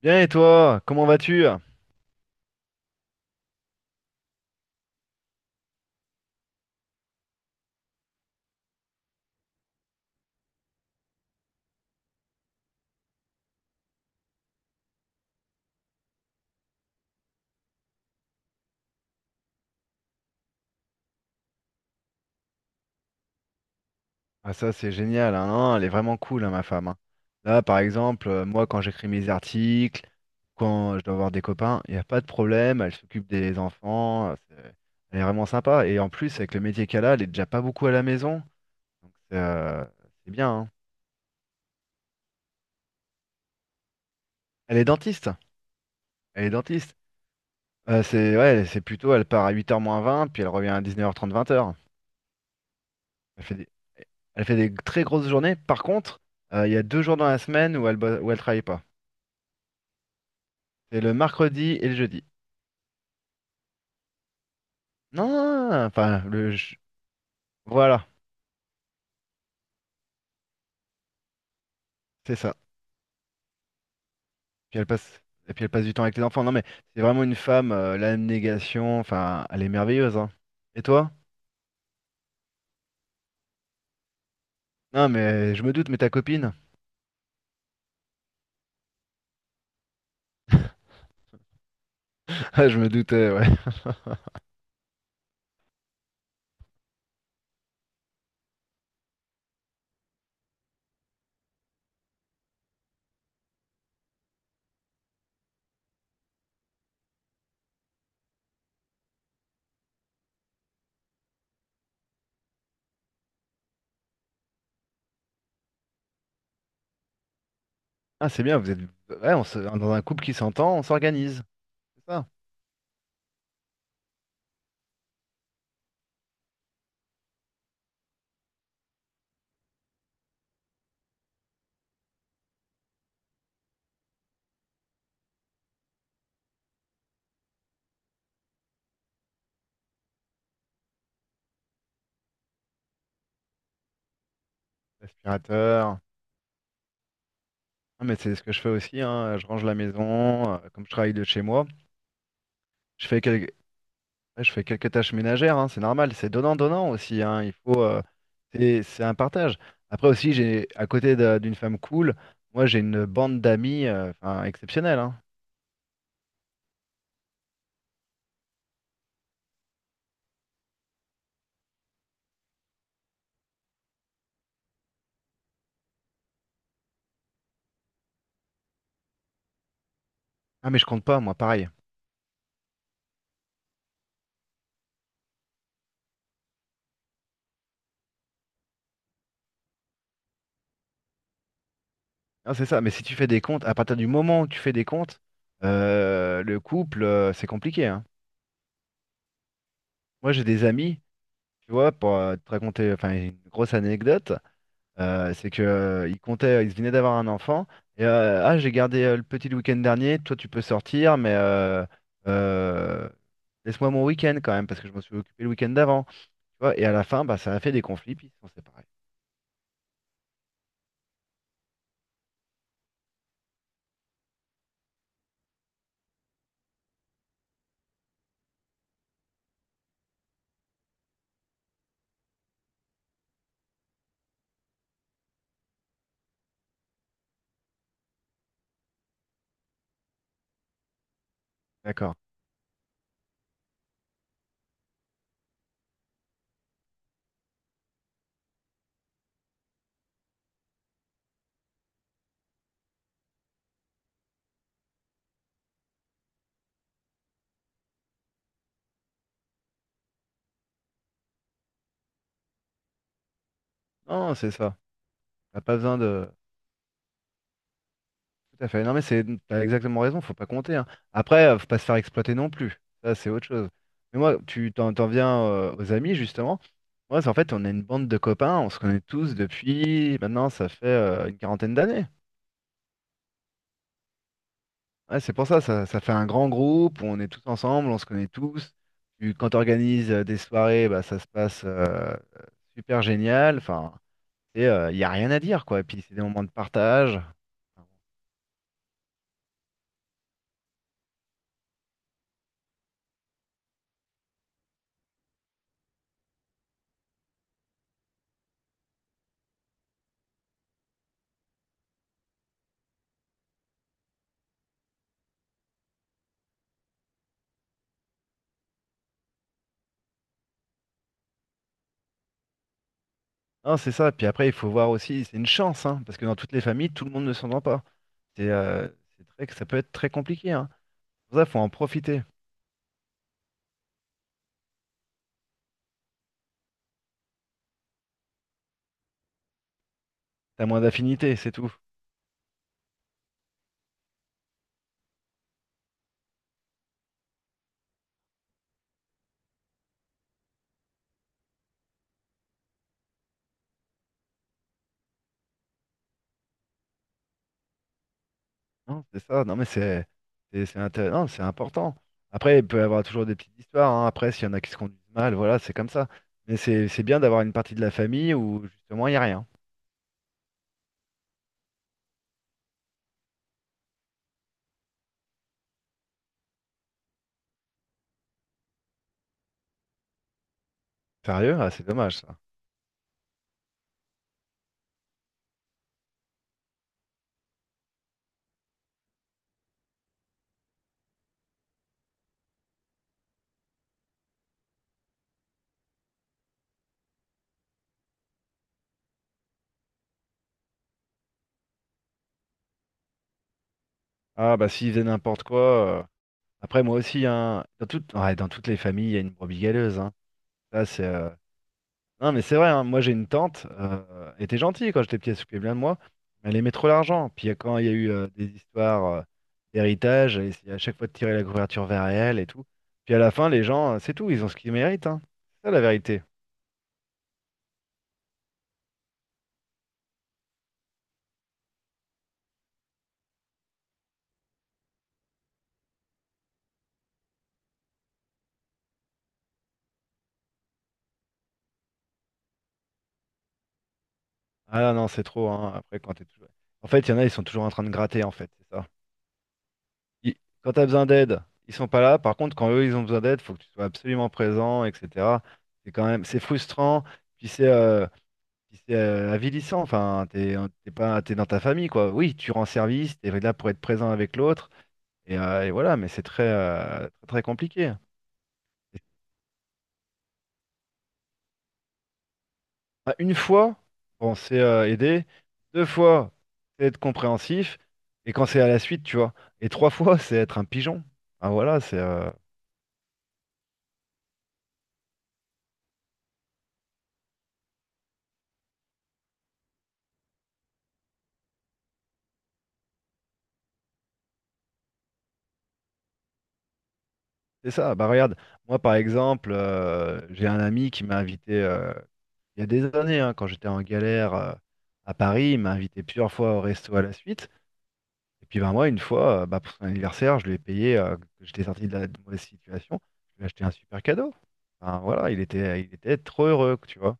Bien et toi, comment vas-tu? Ah, ça c'est génial, hein, non, elle est vraiment cool, hein, ma femme, hein. Là par exemple, moi quand j'écris mes articles, quand je dois avoir des copains, il n'y a pas de problème, elle s'occupe des enfants, elle est vraiment sympa. Et en plus avec le métier qu'elle a, elle est déjà pas beaucoup à la maison, donc c'est bien, hein. Elle est dentiste, elle est dentiste. C'est, ouais, c'est plutôt, elle part à 8h moins 20, puis elle revient à 19h30, 20h. Elle fait des, elle fait des très grosses journées. Par contre, il y a 2 jours dans la semaine où où elle travaille pas. C'est le mercredi et le jeudi. Non, non, non, enfin. Voilà, c'est ça. Puis elle passe... Et puis elle passe du temps avec les enfants. Non, mais c'est vraiment une femme, l'abnégation, enfin, elle est merveilleuse, hein. Et toi? Non, mais je me doute, mais ta copine? Ah, je me doutais, ouais. Ah, c'est bien. Vous êtes ouais, on se- dans un couple qui s'entend, on s'organise. C'est ça. L'aspirateur. Ah, mais c'est ce que je fais aussi, hein. Je range la maison, comme je travaille de chez moi. Je fais quel- Ouais, je fais quelques tâches ménagères, hein, c'est normal, c'est donnant-donnant aussi, hein, il faut, c'est un partage. Après aussi, j'ai d'une femme cool, moi j'ai une bande d'amis enfin, exceptionnelle, hein. Ah mais je compte pas, moi pareil. Non, c'est ça, mais si tu fais des comptes, à partir du moment où tu fais des comptes, le couple, c'est compliqué, hein. Moi j'ai des amis, tu vois, pour te raconter enfin, une grosse anecdote. C'est que il comptait, il venait d'avoir un enfant. Et, ah, j'ai gardé le petit le week-end dernier. Toi, tu peux sortir, mais euh, laisse-moi mon week-end quand même, parce que je m'en suis occupé le week-end d'avant. Tu vois, et à la fin, bah, ça a fait des conflits, puis ils se sont séparés. D'accord. Non, c'est ça. T'as pas besoin de. Tout à fait. Non, mais t'as exactement raison, faut pas compter, hein. Après, faut pas se faire exploiter non plus. Ça, c'est autre chose. Mais moi, tu t'en viens aux amis, justement. Moi, en fait, on est une bande de copains, on se connaît tous depuis maintenant, ça fait une quarantaine d'années. Ouais, c'est pour ça, ça fait un grand groupe, on est tous ensemble, on se connaît tous. Quand tu organises des soirées, bah, ça se passe super génial. Enfin, il n'y a rien à dire, quoi. Et puis, c'est des moments de partage. Non, c'est ça. Puis après, il faut voir aussi, c'est une chance, hein, parce que dans toutes les familles, tout le monde ne s'entend pas. C'est euh, c'est très, ça peut être très compliqué, hein. Pour ça, faut en profiter. T'as moins d'affinité, c'est tout. Non, c'est ça. Non, mais non, c'est important. Après, il peut y avoir toujours des petites histoires, hein. Après, s'il y en a qui se conduisent mal, voilà, c'est comme ça. Mais c'est bien d'avoir une partie de la famille où justement il n'y a rien. Sérieux? Ah, c'est dommage ça. Ah bah s'ils faisaient n'importe quoi. euh, Après moi aussi, hein, dans toutes, ouais, dans toutes les familles, il y a une brebis galeuse, hein. Ça, c'est Non, mais c'est vrai, hein, moi j'ai une tante, elle était gentille quand j'étais petit, elle s'occupait bien de moi, mais elle aimait trop l'argent. Puis, quand il y a eu des histoires d'héritage, elle essayait à chaque fois de tirer la couverture vers elle et tout. Puis à la fin, les gens, c'est tout, ils ont ce qu'ils méritent, hein. C'est ça la vérité. Ah non, c'est trop, hein, après quand t'es toujours... En fait, il y en a, ils sont toujours en train de gratter, en fait, c'est ça. Ils- Quand t'as besoin d'aide, ils sont pas là. Par contre, quand eux, ils ont besoin d'aide, faut que tu sois absolument présent, etc. C'est quand même, c'est frustrant. Puis c'est... euh, Puis c'est avilissant, enfin, t'es pas, t'es dans ta famille, quoi. Oui, tu rends service, t'es là pour être présent avec l'autre, et voilà, mais c'est très, très compliqué. Et, bah, une fois, bon, c'est aider, 2 fois, c'est être compréhensif, et quand c'est à la suite, tu vois, et 3 fois, c'est être un pigeon. Ah voilà, c'est ça. Bah regarde, moi par exemple, j'ai un ami qui m'a invité il y a des années, hein, quand j'étais en galère à Paris, il m'a invité plusieurs fois au resto à la suite. Et puis ben moi, une fois, bah, pour son anniversaire, je lui ai payé, que j'étais sorti de mauvaise situation, je lui ai acheté un super cadeau. Enfin, voilà, il était trop heureux, tu vois.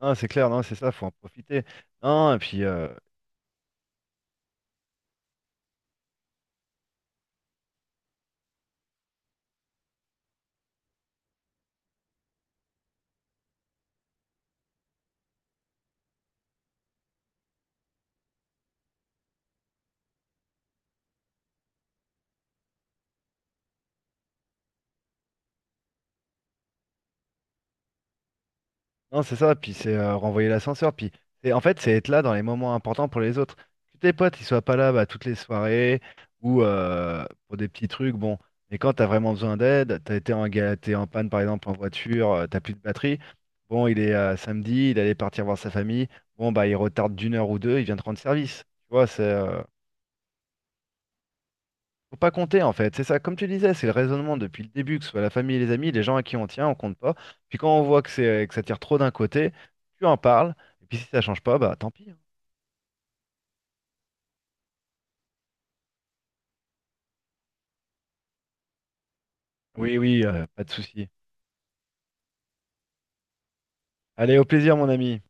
Non, c'est clair, non, c'est ça, faut en profiter. Non, et puis. Non, c'est ça, puis c'est renvoyer l'ascenseur, puis c'est en fait c'est être là dans les moments importants pour les autres. Que tes potes ils soient pas là bah, toutes les soirées ou pour des petits trucs, bon, mais quand t'as vraiment besoin d'aide, t'as été en galère, t'es en panne par exemple en voiture, t'as plus de batterie, bon il est samedi, il allait partir voir sa famille, bon bah il retarde d'une heure ou deux, il vient te rendre service. Tu vois, c'est faut pas compter en fait, c'est ça, comme tu disais, c'est le raisonnement depuis le début, que ce soit la famille et les amis, les gens à qui on tient, on compte pas. Puis quand on voit que c'est que ça tire trop d'un côté, tu en parles, et puis si ça change pas, bah tant pis, hein. Oui, oui, pas de souci. Allez, au plaisir mon ami.